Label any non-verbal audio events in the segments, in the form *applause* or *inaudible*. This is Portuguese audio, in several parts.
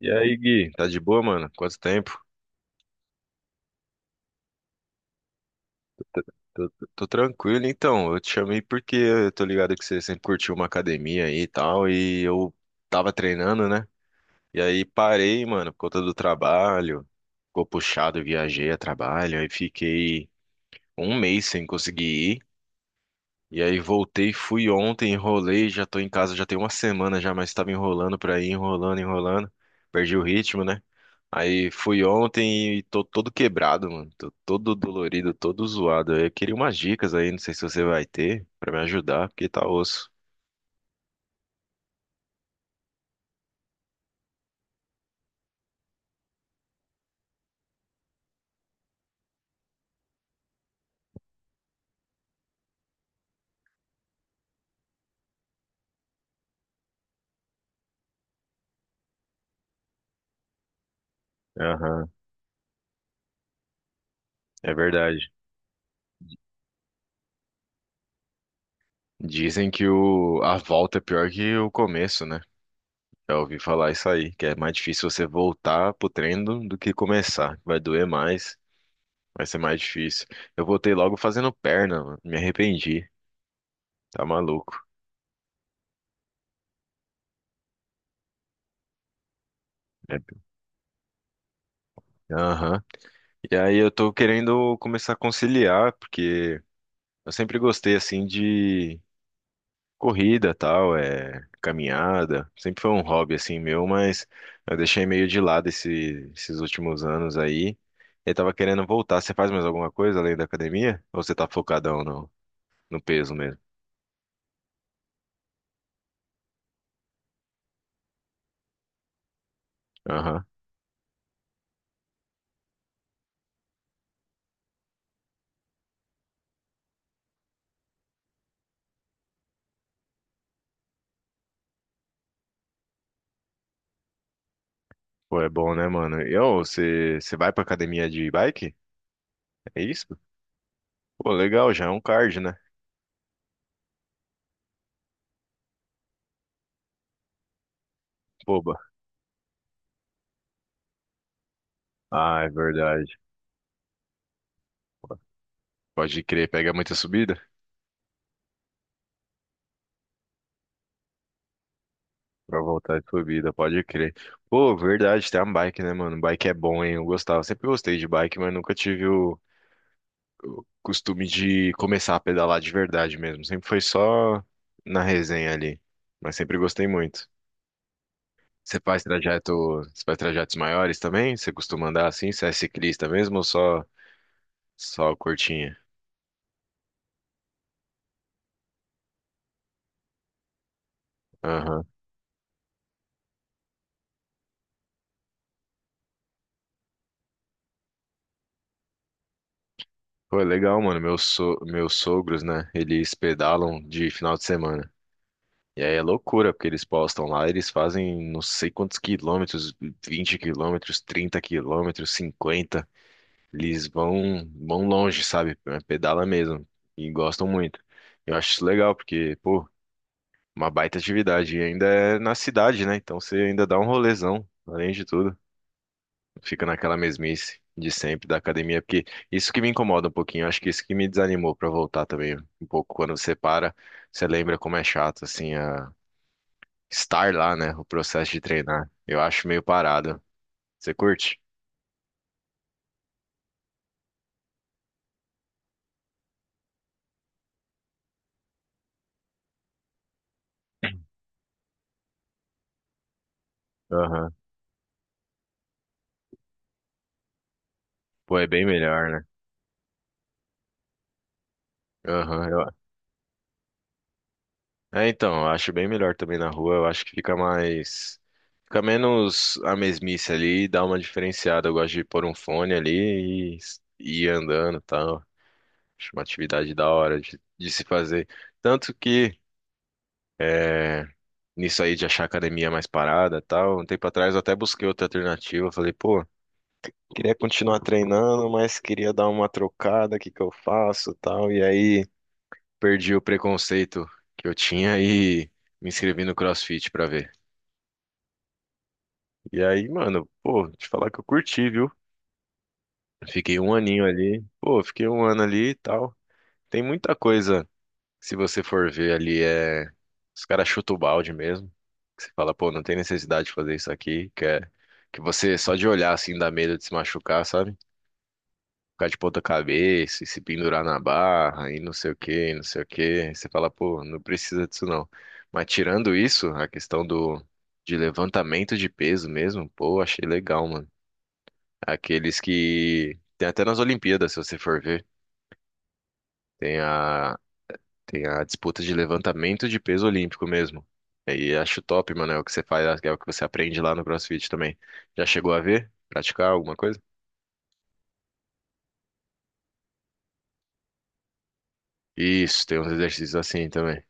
E aí, Gui, tá de boa, mano? Quanto tempo? Tô tranquilo, então. Eu te chamei porque eu tô ligado que você sempre curtiu uma academia aí e tal, e eu tava treinando, né? E aí parei, mano, por conta do trabalho. Ficou puxado, viajei a trabalho, aí fiquei um mês sem conseguir ir. E aí voltei, fui ontem, enrolei, já tô em casa já tem uma semana já, mas tava enrolando pra ir, enrolando, enrolando. Perdi o ritmo, né? Aí fui ontem e tô todo quebrado, mano. Tô todo dolorido, todo zoado. Eu queria umas dicas aí, não sei se você vai ter pra me ajudar, porque tá osso. Aham, é verdade. Dizem que a volta é pior que o começo, né? Já ouvi falar isso aí, que é mais difícil você voltar pro treino do que começar. Vai doer mais. Vai ser mais difícil. Eu voltei logo fazendo perna, mano. Me arrependi. Tá maluco. É. Aham. E aí eu tô querendo começar a conciliar, porque eu sempre gostei, assim, de corrida, tal, é, caminhada. Sempre foi um hobby, assim, meu, mas eu deixei meio de lado esses últimos anos aí. Eu tava querendo voltar. Você faz mais alguma coisa além da academia? Ou você tá focadão no peso mesmo? Aham. Pô, é bom, né, mano? E, ô, você vai pra academia de bike? É isso? Pô, legal, já é um card, né? Boba. Ah, é verdade. Pode crer, pega muita subida pra voltar de subida, pode crer. Pô, verdade, tem uma bike, né, mano? Bike é bom, hein? Eu gostava. Sempre gostei de bike, mas nunca tive o costume de começar a pedalar de verdade mesmo. Sempre foi só na resenha ali. Mas sempre gostei muito. Você faz trajeto, você faz trajetos maiores também? Você costuma andar assim? Você é ciclista mesmo ou só curtinha? Aham. Pô, é legal, mano. Meus sogros, né? Eles pedalam de final de semana. E aí é loucura, porque eles postam lá, eles fazem não sei quantos quilômetros, 20 km, 30 km, 50. Eles vão longe, sabe? É, pedala mesmo. E gostam muito. Eu acho isso legal, porque, pô, uma baita atividade. E ainda é na cidade, né? Então você ainda dá um rolezão, além de tudo. Fica naquela mesmice de sempre da academia, porque isso que me incomoda um pouquinho, acho que isso que me desanimou pra voltar também um pouco. Quando você para, você lembra como é chato, assim, estar lá, né? O processo de treinar. Eu acho meio parado. Você curte? Aham. Pô, é bem melhor, né? Aham. É, então, eu acho bem melhor também na rua, eu acho que fica mais. Fica menos a mesmice ali, dá uma diferenciada. Eu gosto de pôr um fone ali e ir andando e tal. Acho uma atividade da hora de se fazer. Tanto que, é, nisso aí de achar academia mais parada e tal, um tempo atrás eu até busquei outra alternativa. Falei, pô, queria continuar treinando, mas queria dar uma trocada, o que que eu faço e tal. E aí perdi o preconceito que eu tinha e me inscrevi no CrossFit pra ver. E aí, mano, pô, te falar que eu curti, viu? Fiquei um aninho ali. Pô, fiquei um ano ali e tal. Tem muita coisa. Se você for ver ali, é. Os caras chutam o balde mesmo. Que você fala, pô, não tem necessidade de fazer isso aqui. Que é. Que você só de olhar assim dá medo de se machucar, sabe? Ficar de ponta cabeça e se pendurar na barra e não sei o que, não sei o que. Você fala, pô, não precisa disso não. Mas tirando isso, a questão do, de levantamento de peso mesmo, pô, achei legal, mano. Aqueles que. Tem até nas Olimpíadas, se você for ver. Tem a Tem a disputa de levantamento de peso olímpico mesmo. E aí acho top, mano, é o que você faz, é o que você aprende lá no CrossFit também. Já chegou a ver? Praticar alguma coisa? Isso, tem uns exercícios assim também.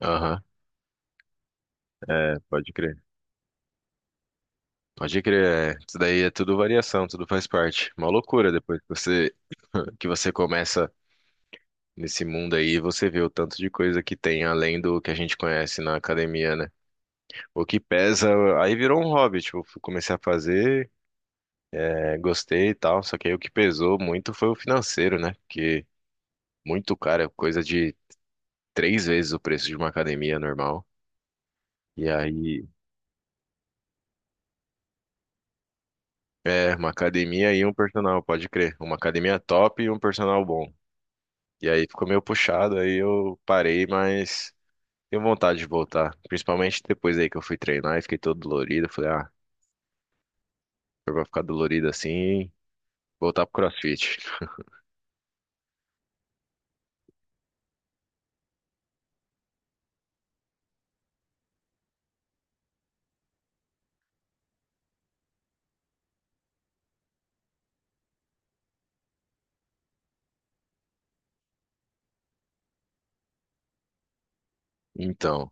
Aham, é, pode crer. Pode crer, é. Isso daí é tudo variação, tudo faz parte. Uma loucura depois que você *laughs* que você começa nesse mundo aí, você vê o tanto de coisa que tem além do que a gente conhece na academia, né? O que pesa, aí virou um hobby, tipo, eu comecei a fazer. É, gostei e tal, só que aí o que pesou muito foi o financeiro, né? Porque muito caro, é coisa de 3 vezes o preço de uma academia normal. E aí, é, uma academia e um personal, pode crer. Uma academia top e um personal bom. E aí ficou meio puxado, aí eu parei, mas tenho vontade de voltar. Principalmente depois aí que eu fui treinar e fiquei todo dolorido. Falei, ah, se eu vou ficar dolorido assim, voltar pro CrossFit. Então,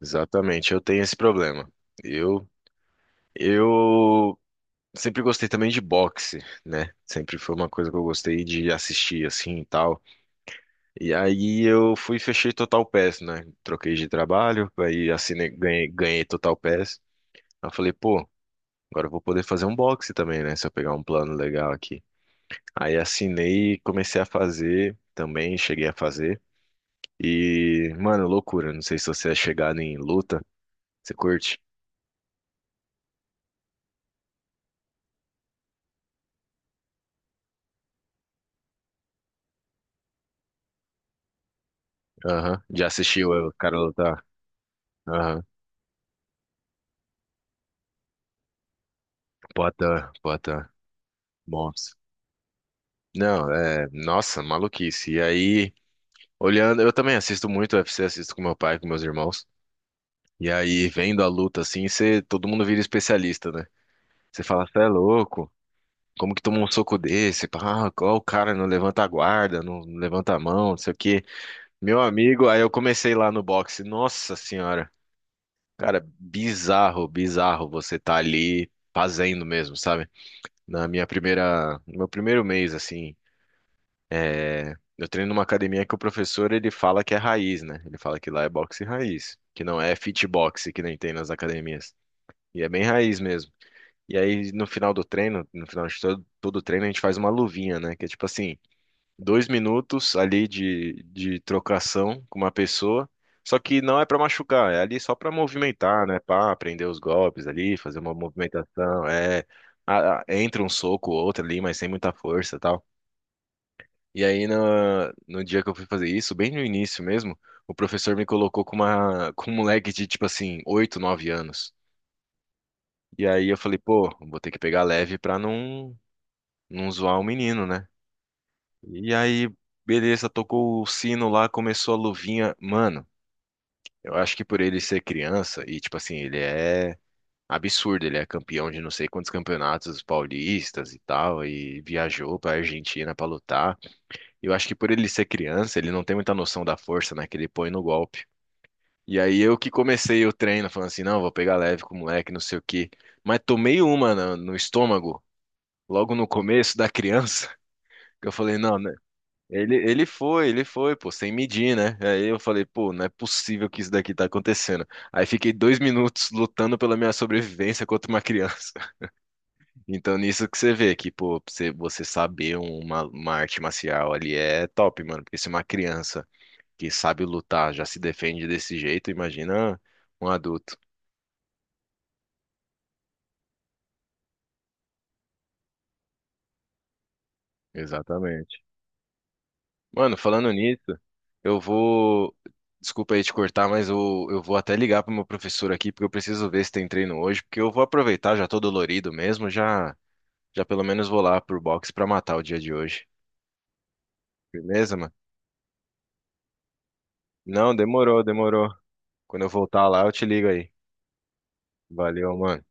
exatamente, eu tenho esse problema. Eu Eu sempre gostei também de boxe, né? Sempre foi uma coisa que eu gostei de assistir assim e tal. E aí eu fui e fechei Total Pass, né? Troquei de trabalho, aí assinei, ganhei Total Pass. Aí eu falei, pô, agora eu vou poder fazer um boxe também, né? Se eu pegar um plano legal aqui. Aí assinei e comecei a fazer também, cheguei a fazer. E, mano, loucura. Não sei se você é chegado em luta. Você curte? Aham. Já assistiu o cara lutar? Aham. Pota, pota. Bom. Não, é, nossa, maluquice. E aí, olhando, eu também assisto muito UFC, assisto com meu pai, com meus irmãos. E aí, vendo a luta assim, você, todo mundo vira especialista, né? Você fala, você é louco? Como que toma um soco desse? Ah, qual o cara não levanta a guarda, não levanta a mão, não sei o quê. Meu amigo, aí eu comecei lá no boxe. Nossa senhora, cara, bizarro, bizarro você tá ali fazendo mesmo, sabe? No meu primeiro mês assim. É, eu treino numa academia que o professor ele fala que é raiz, né? Ele fala que lá é boxe raiz, que não é fitbox que nem tem nas academias. E é bem raiz mesmo. E aí no final do treino, no final de todo, todo o treino, a gente faz uma luvinha, né? Que é tipo assim, 2 minutos ali de trocação com uma pessoa. Só que não é pra machucar, é ali só pra movimentar, né? Pra aprender os golpes ali, fazer uma movimentação. É, entra um soco ou outro ali, mas sem muita força, e tal. E aí, no dia que eu fui fazer isso, bem no início mesmo, o professor me colocou com um moleque de, tipo assim, 8 9 anos. E aí eu falei, pô, vou ter que pegar leve pra não zoar o menino, né? E aí, beleza, tocou o sino lá, começou a luvinha. Mano, eu acho que por ele ser criança, e tipo assim, ele é absurdo, ele é campeão de não sei quantos campeonatos paulistas e tal, e viajou pra Argentina pra lutar. Eu acho que por ele ser criança, ele não tem muita noção da força, né, que ele põe no golpe. E aí eu que comecei o treino falando assim, não, vou pegar leve com o moleque, não sei o quê. Mas tomei no, estômago, logo no começo da criança, *laughs* que eu falei, não, né, ele foi, pô, sem medir, né? Aí eu falei, pô, não é possível que isso daqui tá acontecendo. Aí fiquei 2 minutos lutando pela minha sobrevivência contra uma criança. *laughs* Então nisso que você vê que, pô, você saber uma arte marcial ali é top, mano, porque se uma criança que sabe lutar, já se defende desse jeito, imagina um adulto. Exatamente. Mano, falando nisso, eu vou. Desculpa aí te cortar, mas eu vou até ligar pro meu professor aqui, porque eu preciso ver se tem treino hoje, porque eu vou aproveitar, já tô dolorido mesmo, já, já pelo menos vou lá pro box pra matar o dia de hoje. Beleza, mano? Não, demorou, demorou. Quando eu voltar lá, eu te ligo aí. Valeu, mano.